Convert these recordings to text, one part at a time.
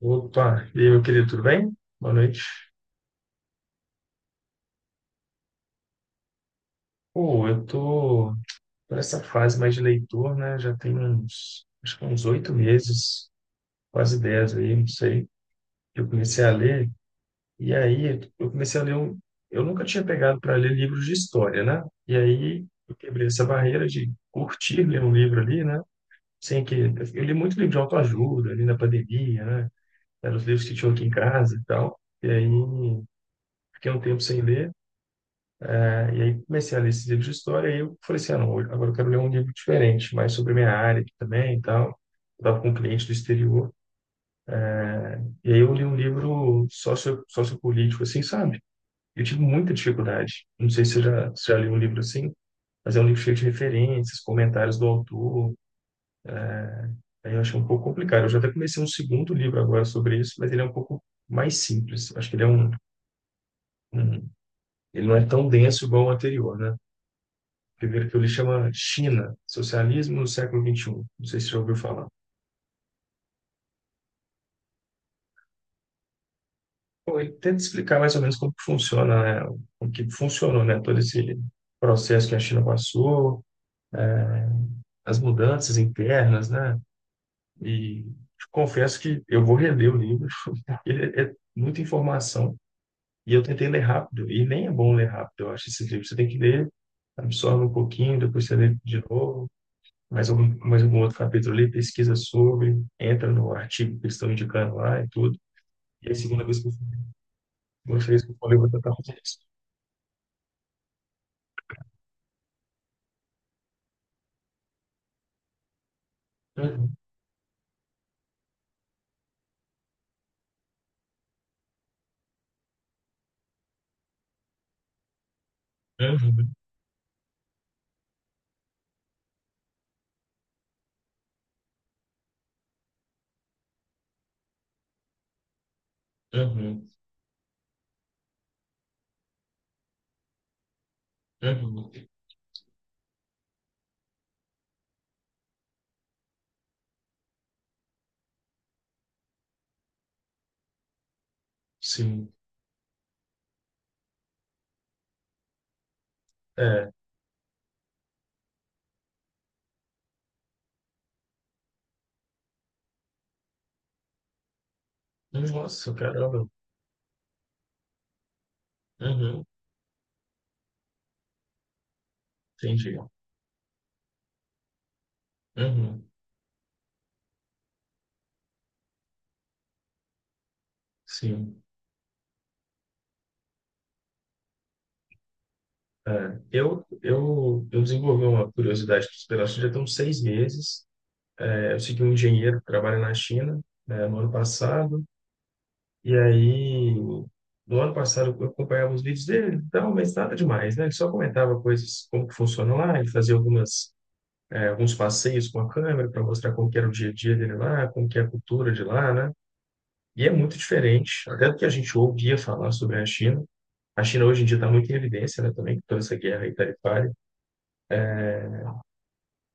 Opa, e aí, meu querido, tudo bem? Boa noite. Pô, eu tô por essa fase mais de leitor, né? Já tem uns, acho que uns 8 meses, quase 10 aí, não sei, que eu comecei a ler. E aí, eu comecei Eu nunca tinha pegado para ler livros de história, né? E aí, eu quebrei essa barreira de curtir ler um livro ali, né? Sem que... Eu li muito livro de autoajuda ali na pandemia, né? Eram os livros que tinham aqui em casa e tal. E aí, fiquei um tempo sem ler. Né? E aí comecei a ler esses livros de história e eu falei assim, ah, não, agora eu quero ler um livro diferente, mais sobre a minha área aqui também e tal. Eu tava com um cliente do exterior. E aí eu li um livro sociopolítico, assim, sabe? Eu tive muita dificuldade. Não sei se já leu um livro assim, mas é um livro cheio de referências, comentários do autor. Aí eu achei um pouco complicado. Eu já até comecei um segundo livro agora sobre isso, mas ele é um pouco mais simples. Acho que um ele não é tão denso igual o anterior, né? Primeiro que eu li chama China, Socialismo no século XXI. Não sei se você já ouviu falar. Bom, ele tenta explicar mais ou menos como que funciona, né? Como que funcionou, né? Todo esse processo que a China passou, as mudanças internas, né? E confesso que eu vou reler o livro, porque ele é muita informação. E eu tentei ler rápido, e nem é bom ler rápido, eu acho, esses livros. Você tem que ler, absorve um pouquinho, depois você lê de novo. Mais algum outro capítulo ali, pesquisa sobre, entra no artigo que eles estão indicando lá e tudo. E a segunda vez que eu, Uma vez que eu falei, eu vou tentar fazer isso. Uhum, uhum, uhum, uhum. Sim. É. Nossa, caramba. Uhum, entendi. Uhum, sim. É, eu desenvolvi uma curiosidade pela China já tem uns 6 meses. É, eu segui um engenheiro que trabalha na China, né, no ano passado. E aí, do ano passado, eu acompanhava os vídeos dele, então, mas nada demais, né? Ele só comentava coisas, como que funciona lá, ele fazia alguns passeios com a câmera para mostrar como que era o dia a dia dele lá, como que é a cultura de lá, né? E é muito diferente, até do que a gente ouvia falar sobre a China. A China hoje em dia está muito em evidência, né, também, com toda essa guerra aí tarifária.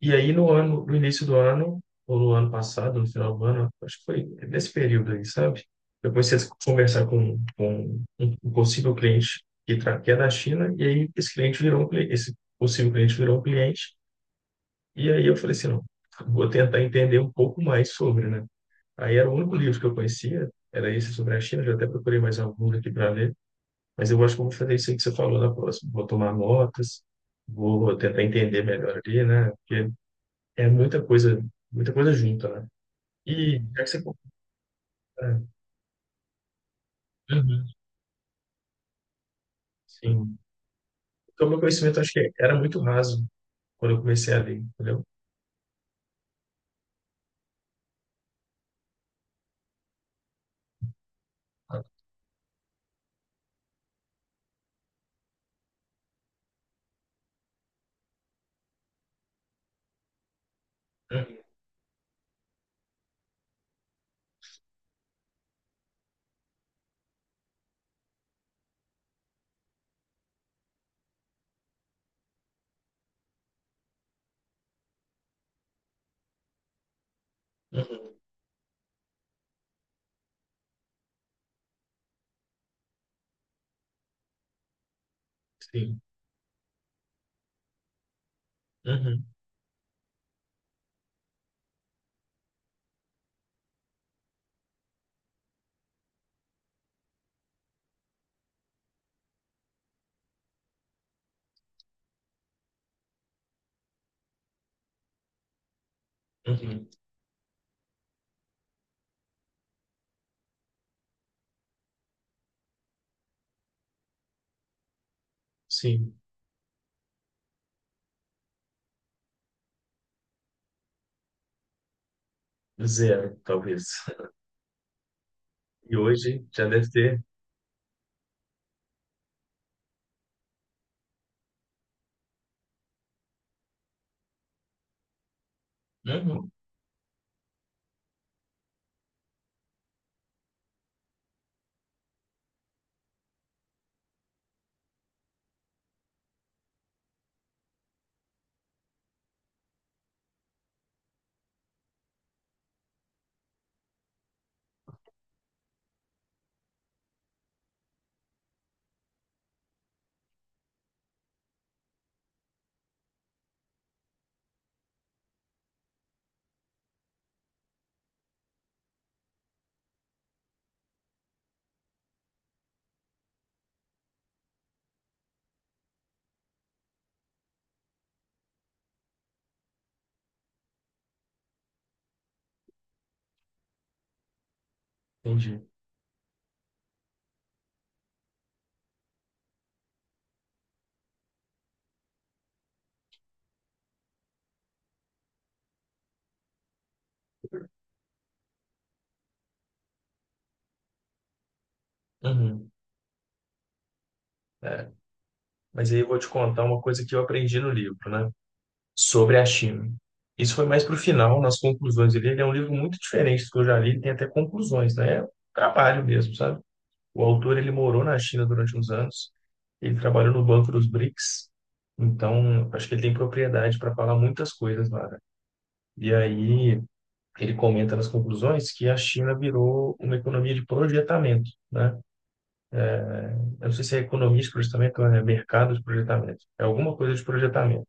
E aí no ano, no início do ano, ou no ano passado, no final do ano, acho que foi nesse período aí, sabe? Eu comecei a conversar com um possível cliente que é da China, e aí esse cliente virou um cliente, esse possível cliente virou um cliente, e aí eu falei assim, não, vou tentar entender um pouco mais sobre, né? Aí era o único livro que eu conhecia, era esse sobre a China, já até procurei mais alguns aqui para ler, mas eu acho que eu vou fazer isso aí que você falou na próxima, vou tomar notas, vou tentar entender melhor ali, né? Porque é muita coisa junta, né? E já que você... É, uhum, sim. Então, meu conhecimento acho que era muito raso quando eu comecei a ler, entendeu? Uhum, uhum, sim. Uhum, uhum, sim. Zero, talvez. E hoje já deve ter. Uhum, entendi. Uhum, é. Mas aí eu vou te contar uma coisa que eu aprendi no livro, né? Sobre a China. Isso foi mais para o final, nas conclusões dele. Ele é um livro muito diferente do que eu já li, ele tem até conclusões, né? É um trabalho mesmo, sabe? O autor ele morou na China durante uns anos, ele trabalhou no Banco dos BRICS, então acho que ele tem propriedade para falar muitas coisas lá. Né? E aí ele comenta nas conclusões que a China virou uma economia de projetamento, né? Eu não sei se é economia de projetamento ou é mercado de projetamento, é alguma coisa de projetamento.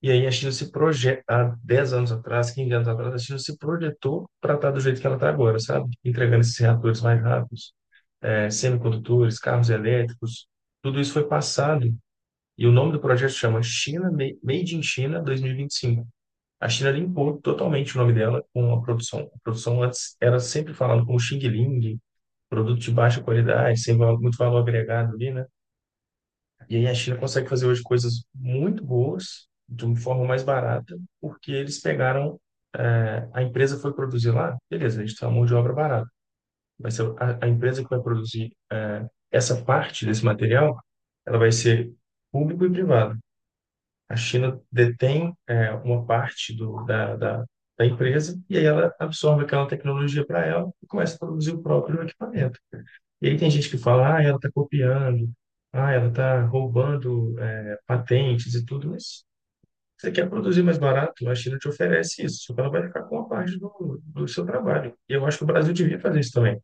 E aí a China se projeta, há 10 anos atrás, 15 anos atrás, a China se projetou para estar do jeito que ela está agora, sabe? Entregando esses reatores mais rápidos, eh, semicondutores, carros elétricos, tudo isso foi passado. E o nome do projeto chama Made in China 2025. A China limpou totalmente o nome dela com a produção. A produção antes era sempre falando como Xing Ling, produto de baixa qualidade, sem val- muito valor agregado ali, né? E aí a China consegue fazer hoje coisas muito boas, de uma forma mais barata, porque eles pegaram, a empresa foi produzir lá, beleza, a gente tem uma mão de obra barata. Vai ser a empresa que vai produzir essa parte desse material, ela vai ser público e privado. A China detém, eh, uma parte da empresa e aí ela absorve aquela tecnologia para ela e começa a produzir o próprio equipamento. E aí tem gente que fala, ah, ela está copiando, ah, ela está roubando, patentes e tudo, mas você quer produzir mais barato, a China te oferece isso, só que ela vai ficar com uma parte do, do seu trabalho. E eu acho que o Brasil devia fazer isso também.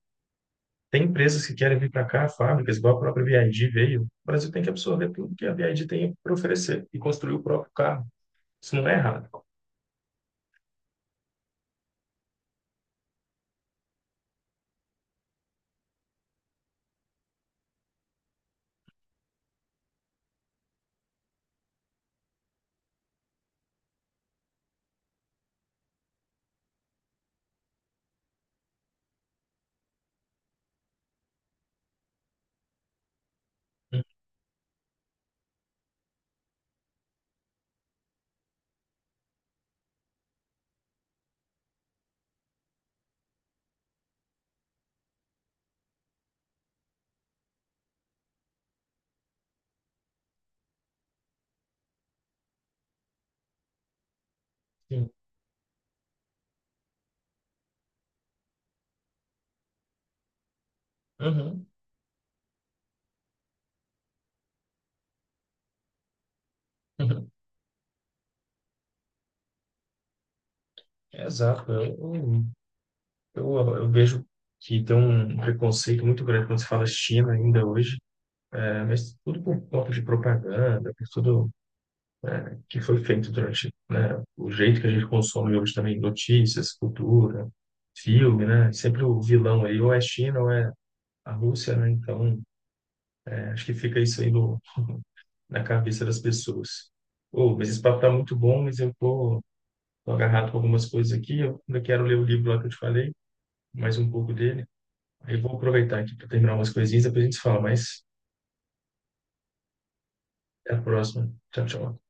Tem empresas que querem vir para cá, fábricas, igual a própria BYD veio. O Brasil tem que absorver tudo que a BYD tem para oferecer e construir o próprio carro. Isso não é errado. Sim. Uhum. Uhum. Exato. Eu vejo que tem um preconceito muito grande quando se fala China ainda hoje, é, mas tudo por conta de propaganda, por tudo que foi feito durante, né, o jeito que a gente consome hoje também, notícias, cultura, filme, né? Sempre o vilão aí ou é China ou é a Rússia, né? Então, acho que fica isso aí no, na cabeça das pessoas. Oh, mas esse papo tá muito bom, mas eu tô, agarrado com algumas coisas aqui. Eu ainda quero ler o livro lá que eu te falei, mais um pouco dele. Aí eu vou aproveitar aqui para terminar umas coisinhas, depois a gente se fala, mas até a próxima. Tchau, tchau.